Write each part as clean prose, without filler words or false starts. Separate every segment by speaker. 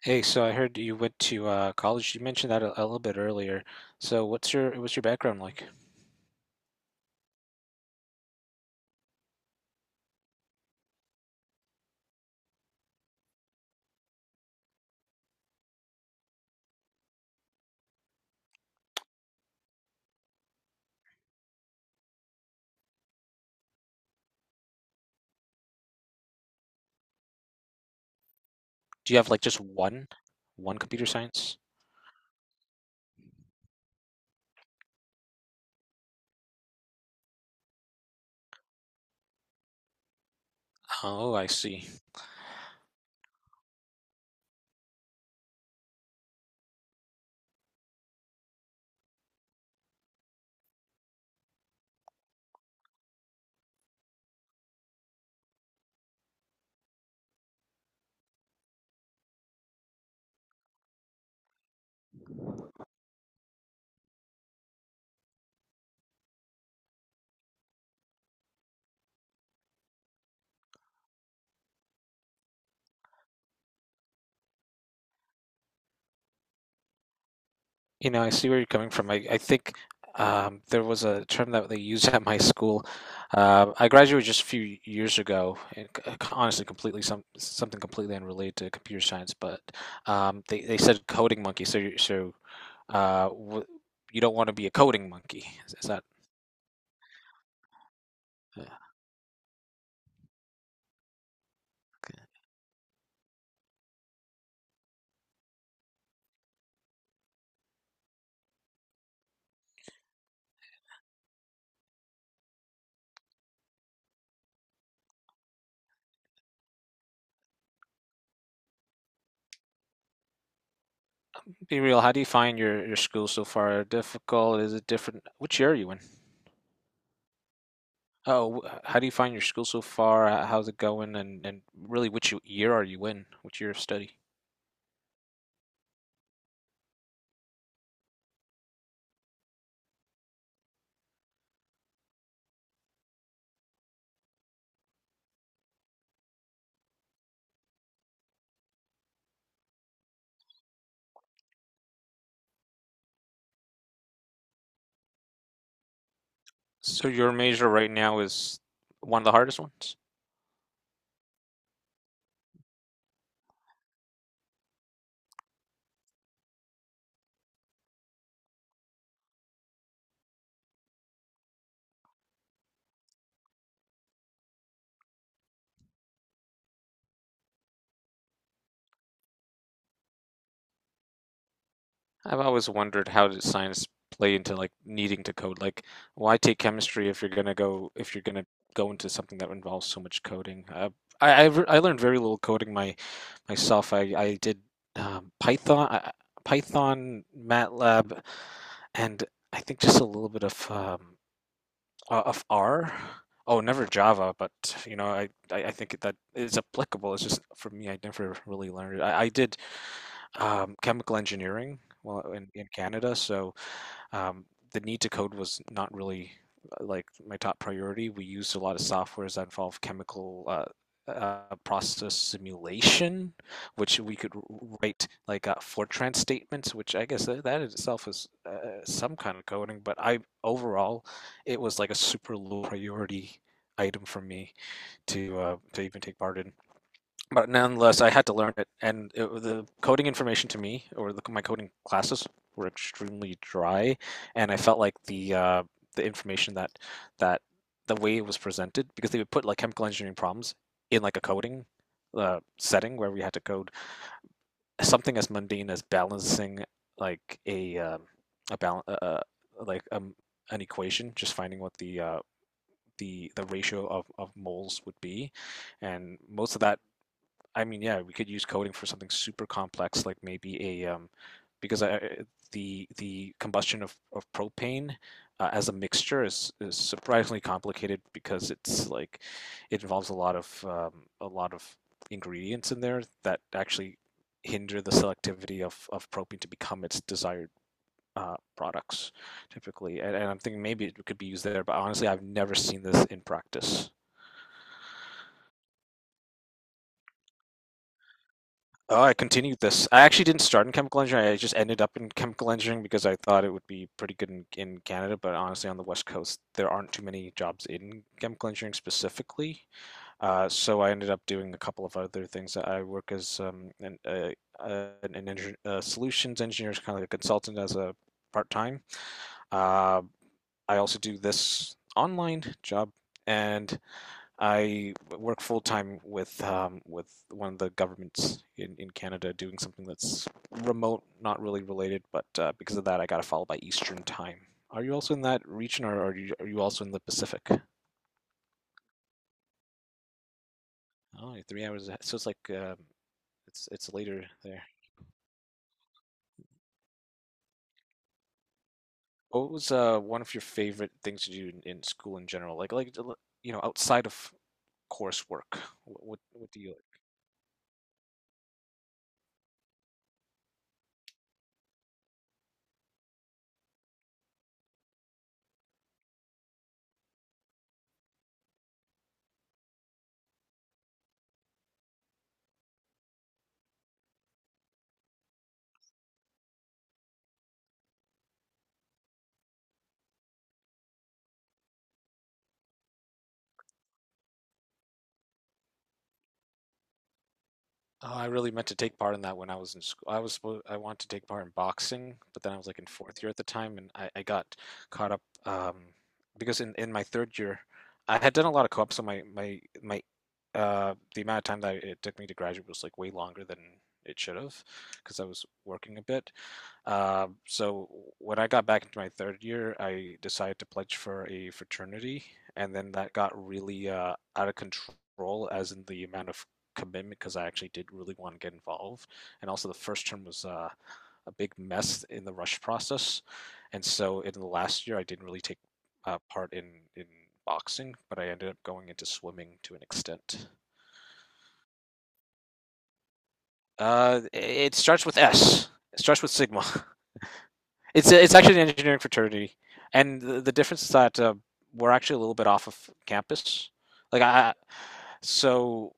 Speaker 1: Hey, so I heard you went to college. You mentioned that a little bit earlier. So what's your background like? Do you have like just one computer science? Oh, I see. You know, I see where you're coming from. I think there was a term that they used at my school. I graduated just a few years ago, and honestly, completely something completely unrelated to computer science. But they said coding monkey. So you so w you don't want to be a coding monkey. Is that? Uh, Be how do you find your school so far? Difficult? Is it different? Which year are you in? Oh, how do you find your school so far? How's it going? And really, which year are you in? Which year of study? So your major right now is one of the hardest ones? I've always wondered how does science play into like needing to code? Like, why take chemistry if you're gonna go into something that involves so much coding? I learned very little coding my myself. I did Python, Python, MATLAB, and I think just a little bit of R. Oh, never Java, but you know, I think that is applicable. It's just for me, I never really learned it. I did chemical engineering well in Canada, so um, the need to code was not really like my top priority. We used a lot of softwares that involve chemical process simulation, which we could write like Fortran statements, which I guess that itself is some kind of coding. But I overall, it was like a super low priority item for me to even take part in, but nonetheless, I had to learn it, and the coding information to me or my coding classes were extremely dry, and I felt like the information that that the way it was presented, because they would put like chemical engineering problems in like a coding setting where we had to code something as mundane as balancing like a balance like um, an equation, just finding what the ratio of moles would be, and most of that. I mean, yeah, we could use coding for something super complex, like maybe because I, the combustion of propane as a mixture is surprisingly complicated because it's like it involves a lot of ingredients in there that actually hinder the selectivity of propane to become its desired products typically. And I'm thinking maybe it could be used there, but honestly, I've never seen this in practice. Oh, I continued this. I actually didn't start in chemical engineering. I just ended up in chemical engineering because I thought it would be pretty good in Canada, but honestly, on the West Coast, there aren't too many jobs in chemical engineering specifically. So I ended up doing a couple of other things. I work as an solutions engineer, kind of like a consultant as a part-time. Uh, I also do this online job, and I work full time with one of the governments in Canada doing something that's remote, not really related, but because of that, I got to follow by Eastern time. Are you also in that region, or are you also in the Pacific? Oh, you're 3 hours ahead. So it's like it's later there. What was one of your favorite things to do in school in general? Like you know outside of coursework, what do you. Oh, I really meant to take part in that when I was in school. I was supposed I wanted to take part in boxing, but then I was like in fourth year at the time, and I got caught up because in my third year, I had done a lot of co-op, so my the amount of time that it took me to graduate was like way longer than it should have, because I was working a bit. So when I got back into my third year, I decided to pledge for a fraternity, and then that got really out of control, as in the amount of commitment, because I actually did really want to get involved. And also, the first term was a big mess in the rush process, and so in the last year, I didn't really take part in boxing, but I ended up going into swimming to an extent. It starts with S. It starts with Sigma. It's actually an engineering fraternity, and the difference is that we're actually a little bit off of campus. Like I, so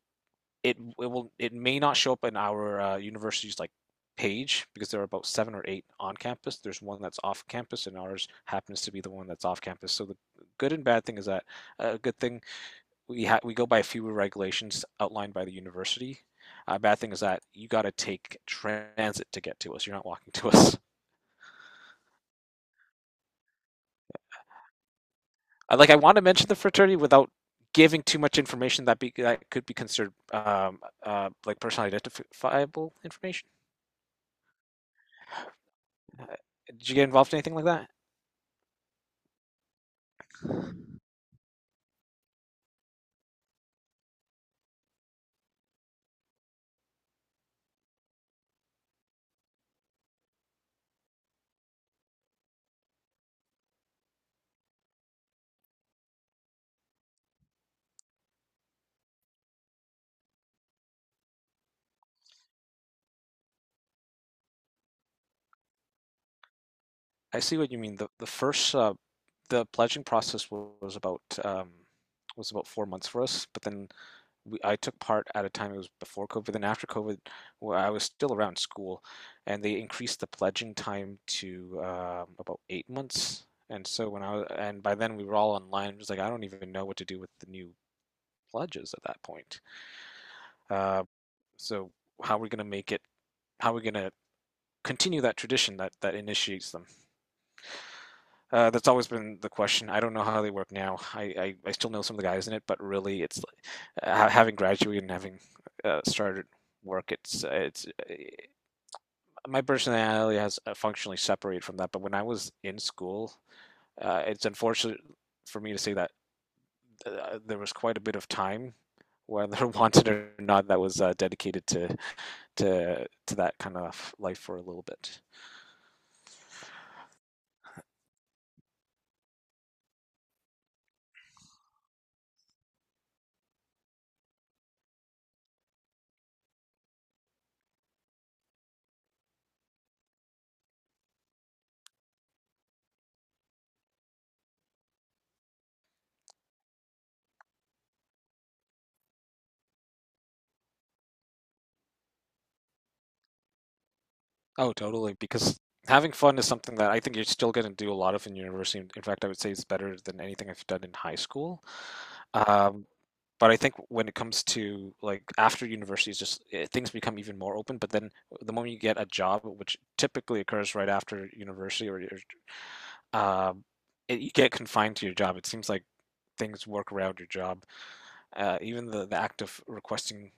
Speaker 1: it will it may not show up in our university's like page because there are about seven or eight on campus. There's one that's off campus, and ours happens to be the one that's off campus. So the good and bad thing is that a good thing, we go by fewer regulations outlined by the university. A bad thing is that you got to take transit to get to us. You're not walking to us. I, like I want to mention the fraternity without giving too much information that could be considered like personally identifiable information. Did you get involved in anything like that? I see what you mean. The first the pledging process was about 4 months for us, but then I took part at a time it was before COVID and after COVID, where I was still around school, and they increased the pledging time to about 8 months. And so when I was, and by then we were all online. I'm just like I don't even know what to do with the new pledges at that point. Uh, so how are we going to make it? How are we going to continue that tradition that initiates them? That's always been the question. I don't know how they work now. I still know some of the guys in it, but really, it's like, having graduated and having started work, it's my personality has functionally separated from that. But when I was in school, it's unfortunate for me to say that there was quite a bit of time, whether wanted or not, that was dedicated to to that kind of life for a little bit. Oh, totally. Because having fun is something that I think you're still going to do a lot of in university. In fact, I would say it's better than anything I've done in high school. Um, but I think when it comes to like after university, it's just eh, things become even more open. But then the moment you get a job, which typically occurs right after university, or your, um, it, you get confined to your job. It seems like things work around your job. Even the act of requesting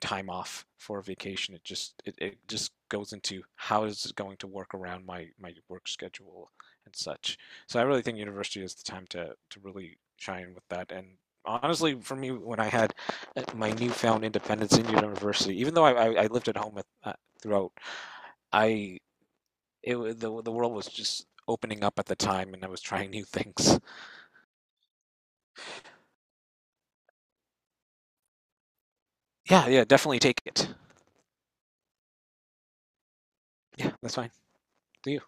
Speaker 1: time off for vacation, it just it just goes into how is it going to work around my work schedule and such. So I really think university is the time to really shine with that. And honestly, for me, when I had my newfound independence in university, even though I lived at home with, throughout, I it the world was just opening up at the time, and I was trying new things. Yeah, yeah, definitely take it. Yeah, that's fine. Do you?